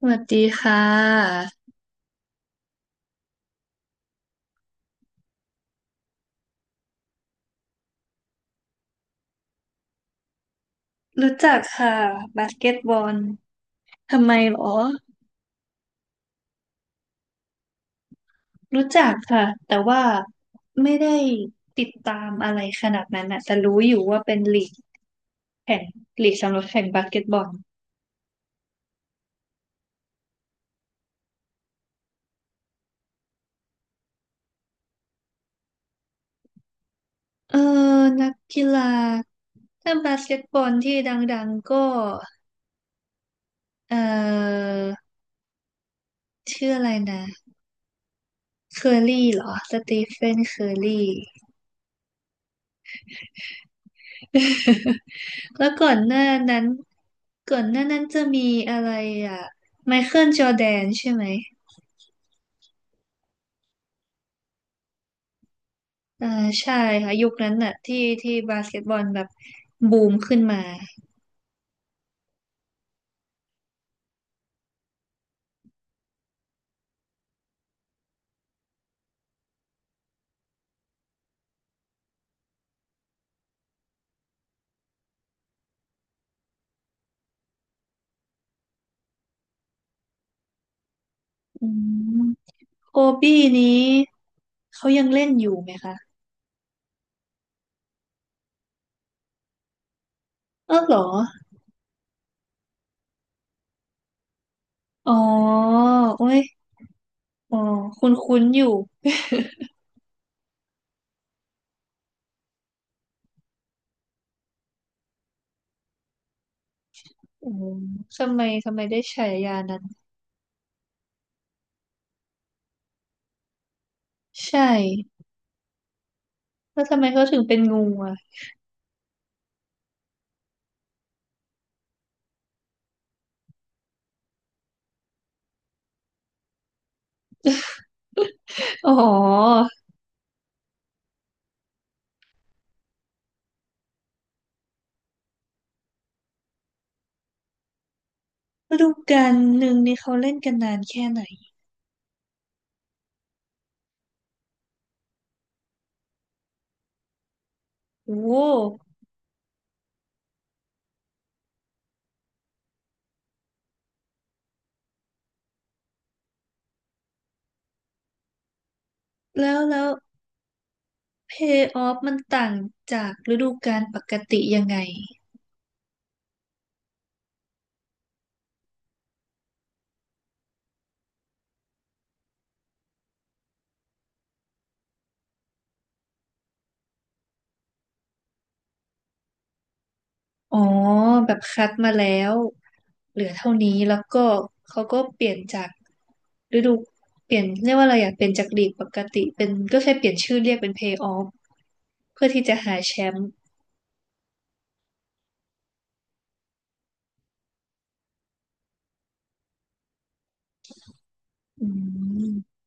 สวัสดีค่ะรู้จักค่ะบาสเกตบอลทำไมหรอรู้จักค่ะแต่ว่าไม่ได้ติดตามอะไรขนาดนั้นนะแต่รู้อยู่ว่าเป็นลีกแข่งลีกสำหรับแข่งบาสเกตบอลเออนักกีฬาถ้าบาสเกตบอลที่ดังๆก็เออชื่ออะไรนะเคอร์รี่เหรอสตีเฟนเคอร์รี่ แล้วก่อนหน้านั้นก่อนหน้านั้นจะมีอะไรอ่ะไมเคิลจอร์แดนใช่ไหมอ่าใช่ค่ะยุคนั้นน่ะที่บาสเกตบอลแบบบูมขึ้นมาอืมโคบี้นี้เขายังเล่นอยู่ไหมคะเออเหรออ๋อโอ้ยอ๋อคุ้นคุ้นอยู่อืมทำไมได้ฉายานั้นใช่แล้วทำไมเขาถึงเป็นงูอ่ะอ๋อฤดูกาลหนึ่งนี่เขาเล่นกันนานแค่ไหนโอ้ แล้วเพย์ออฟมันต่างจากฤดูกาลปกติยังไงอ๋อแบบคัดมาแล้วเหลือเท่านี้แล้วก็เขาก็เปลี่ยนจากฤดูเปลี่ยนเรียกว่าอะไรอะเปลี่ยนจากลีกปกติเป็นก็แค่เปลี่ยนชื่อเรียกเป็นเพย์ออฟเพื่อที่จะหาแชมป์อืม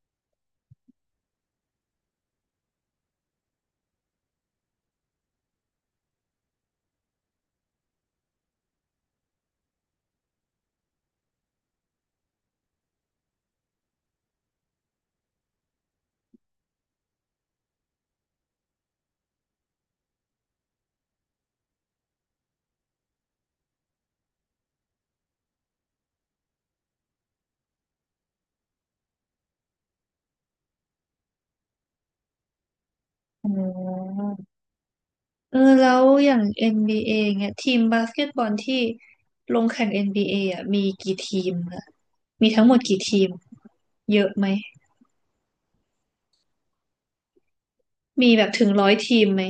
อ๋อเออแล้วอย่าง n b ีเอเนี่ยทีมบาสเกตบอลที่ลงแข่งเอ็นบี a ออ่ะมีกี่ทีมอะมีทั้งหมดกี่ทีมเยอะไหม มีแบบถึงร้อยทีมไหม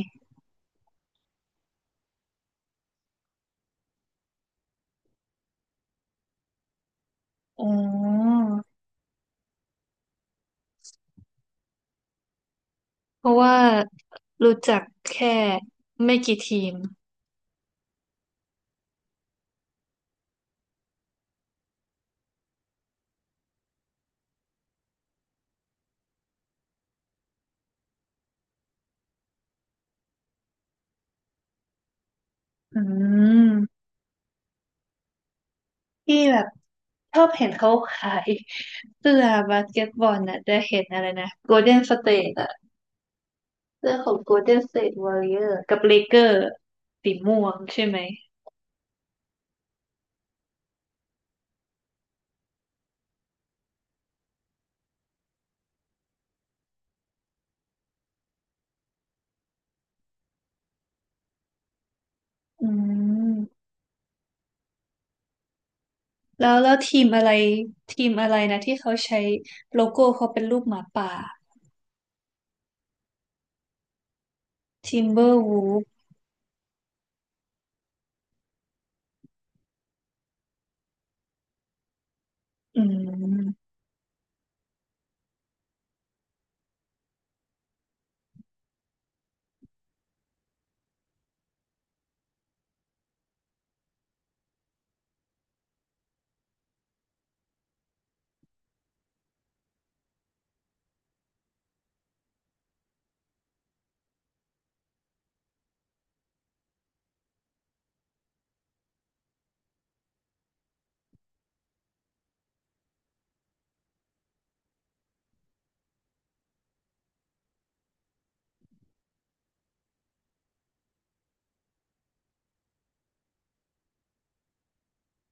อ๋อเพราะว่ารู้จักแค่ไม่กี่ทีมอืมที่แบบชอบเห็นเขาขายเสื้อบาสเกตบอลน่ะจะเห็นอะไรนะโกลเด้นสเตทอะเสื้อของโกลเด้นสเตทวอริเออร์กับเลเกอร์สีม่วงใช่ไหมอืมแล้วทีมอะไรทีมอะไรนะที่เขาใช้โลโก้เขาเป็นรูปหมาป่าทิมเบอร์วูฟอืม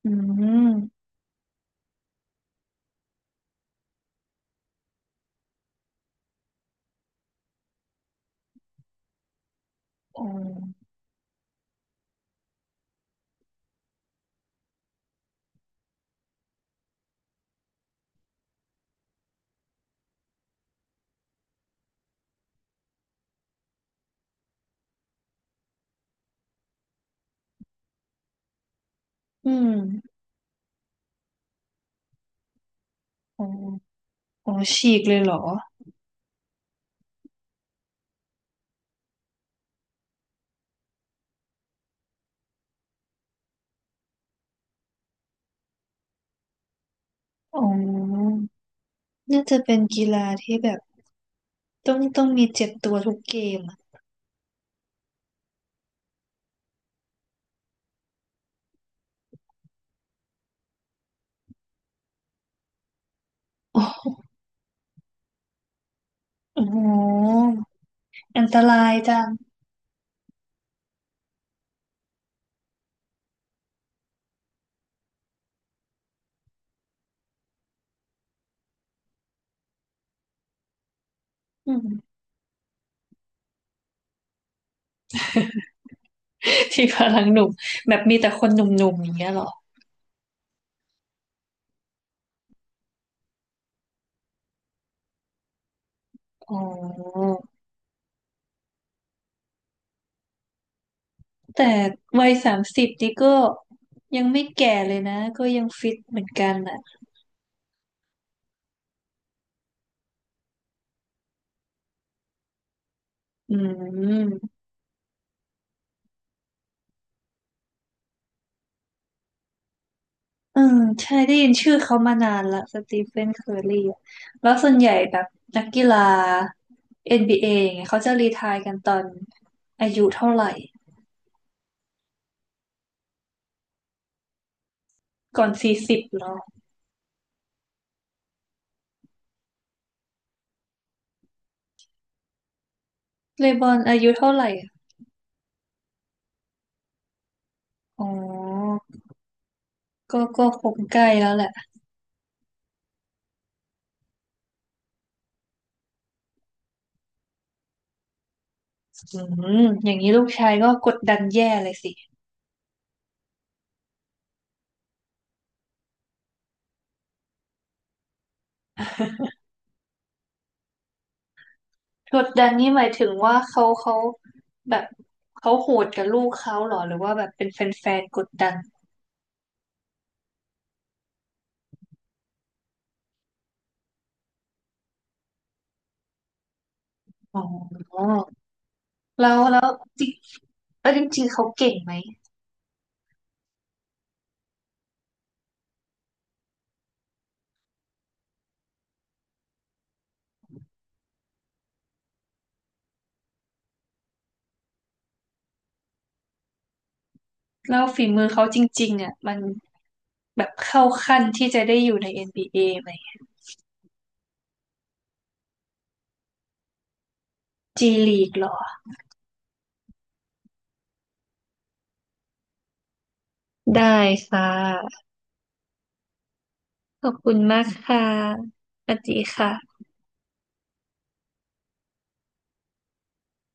อืมอ๋ออืม อ๋ออ๋อฉีกเลยเหรอ อ๋อ น่าจะเป็นกีฬาที่แบบต้องมีเจ็บตัวทุกเกมอะอ๋ออ๋อ อันตรายจังอืมที่พลังหนุ่มแบบมีแต่คนหนุ่มๆอย่างเงี้ยเหรอ อ๋อ แต่วัยสามสิบนี่ก็ยังไม่แก่เลยนะ ก็ยังฟิตเหมือนกันอ่ะอืม อืมใช่ได้ยินชื่อเขามานานละสตีเฟนเคอร์รีอะแล้วส่วนใหญ่แบบนักกีฬา NBA อนบีเออย่างเงี้ยเขาจะรีไทร์กันตอนอายุเท่าไหร่ก่อนสี่สิบหรอเลบรอนอายุเท่าไหร่อ๋อก็ก็คงใกล้แล้วแหละอืมอย่างนี้ลูกชายก็กดดันแย่เลยสิกดดันนี่หมายถึงว่าเขาแบบเขาโหดกับลูกเขาเหรอหรือว่าแบบเป็นแฟนๆกดดันอ๋อแล้วแล้วจริงแล้วจริงๆเขาเก่งไหม แล้วฝีมือเขาจริงๆอ่ะมันแบบเข้าขั้นที่จะได้อยู่ใน NBA ไหมจีลีกหรอได้ค่ะขอบคุณมากค่ะสวัสดีค่ะ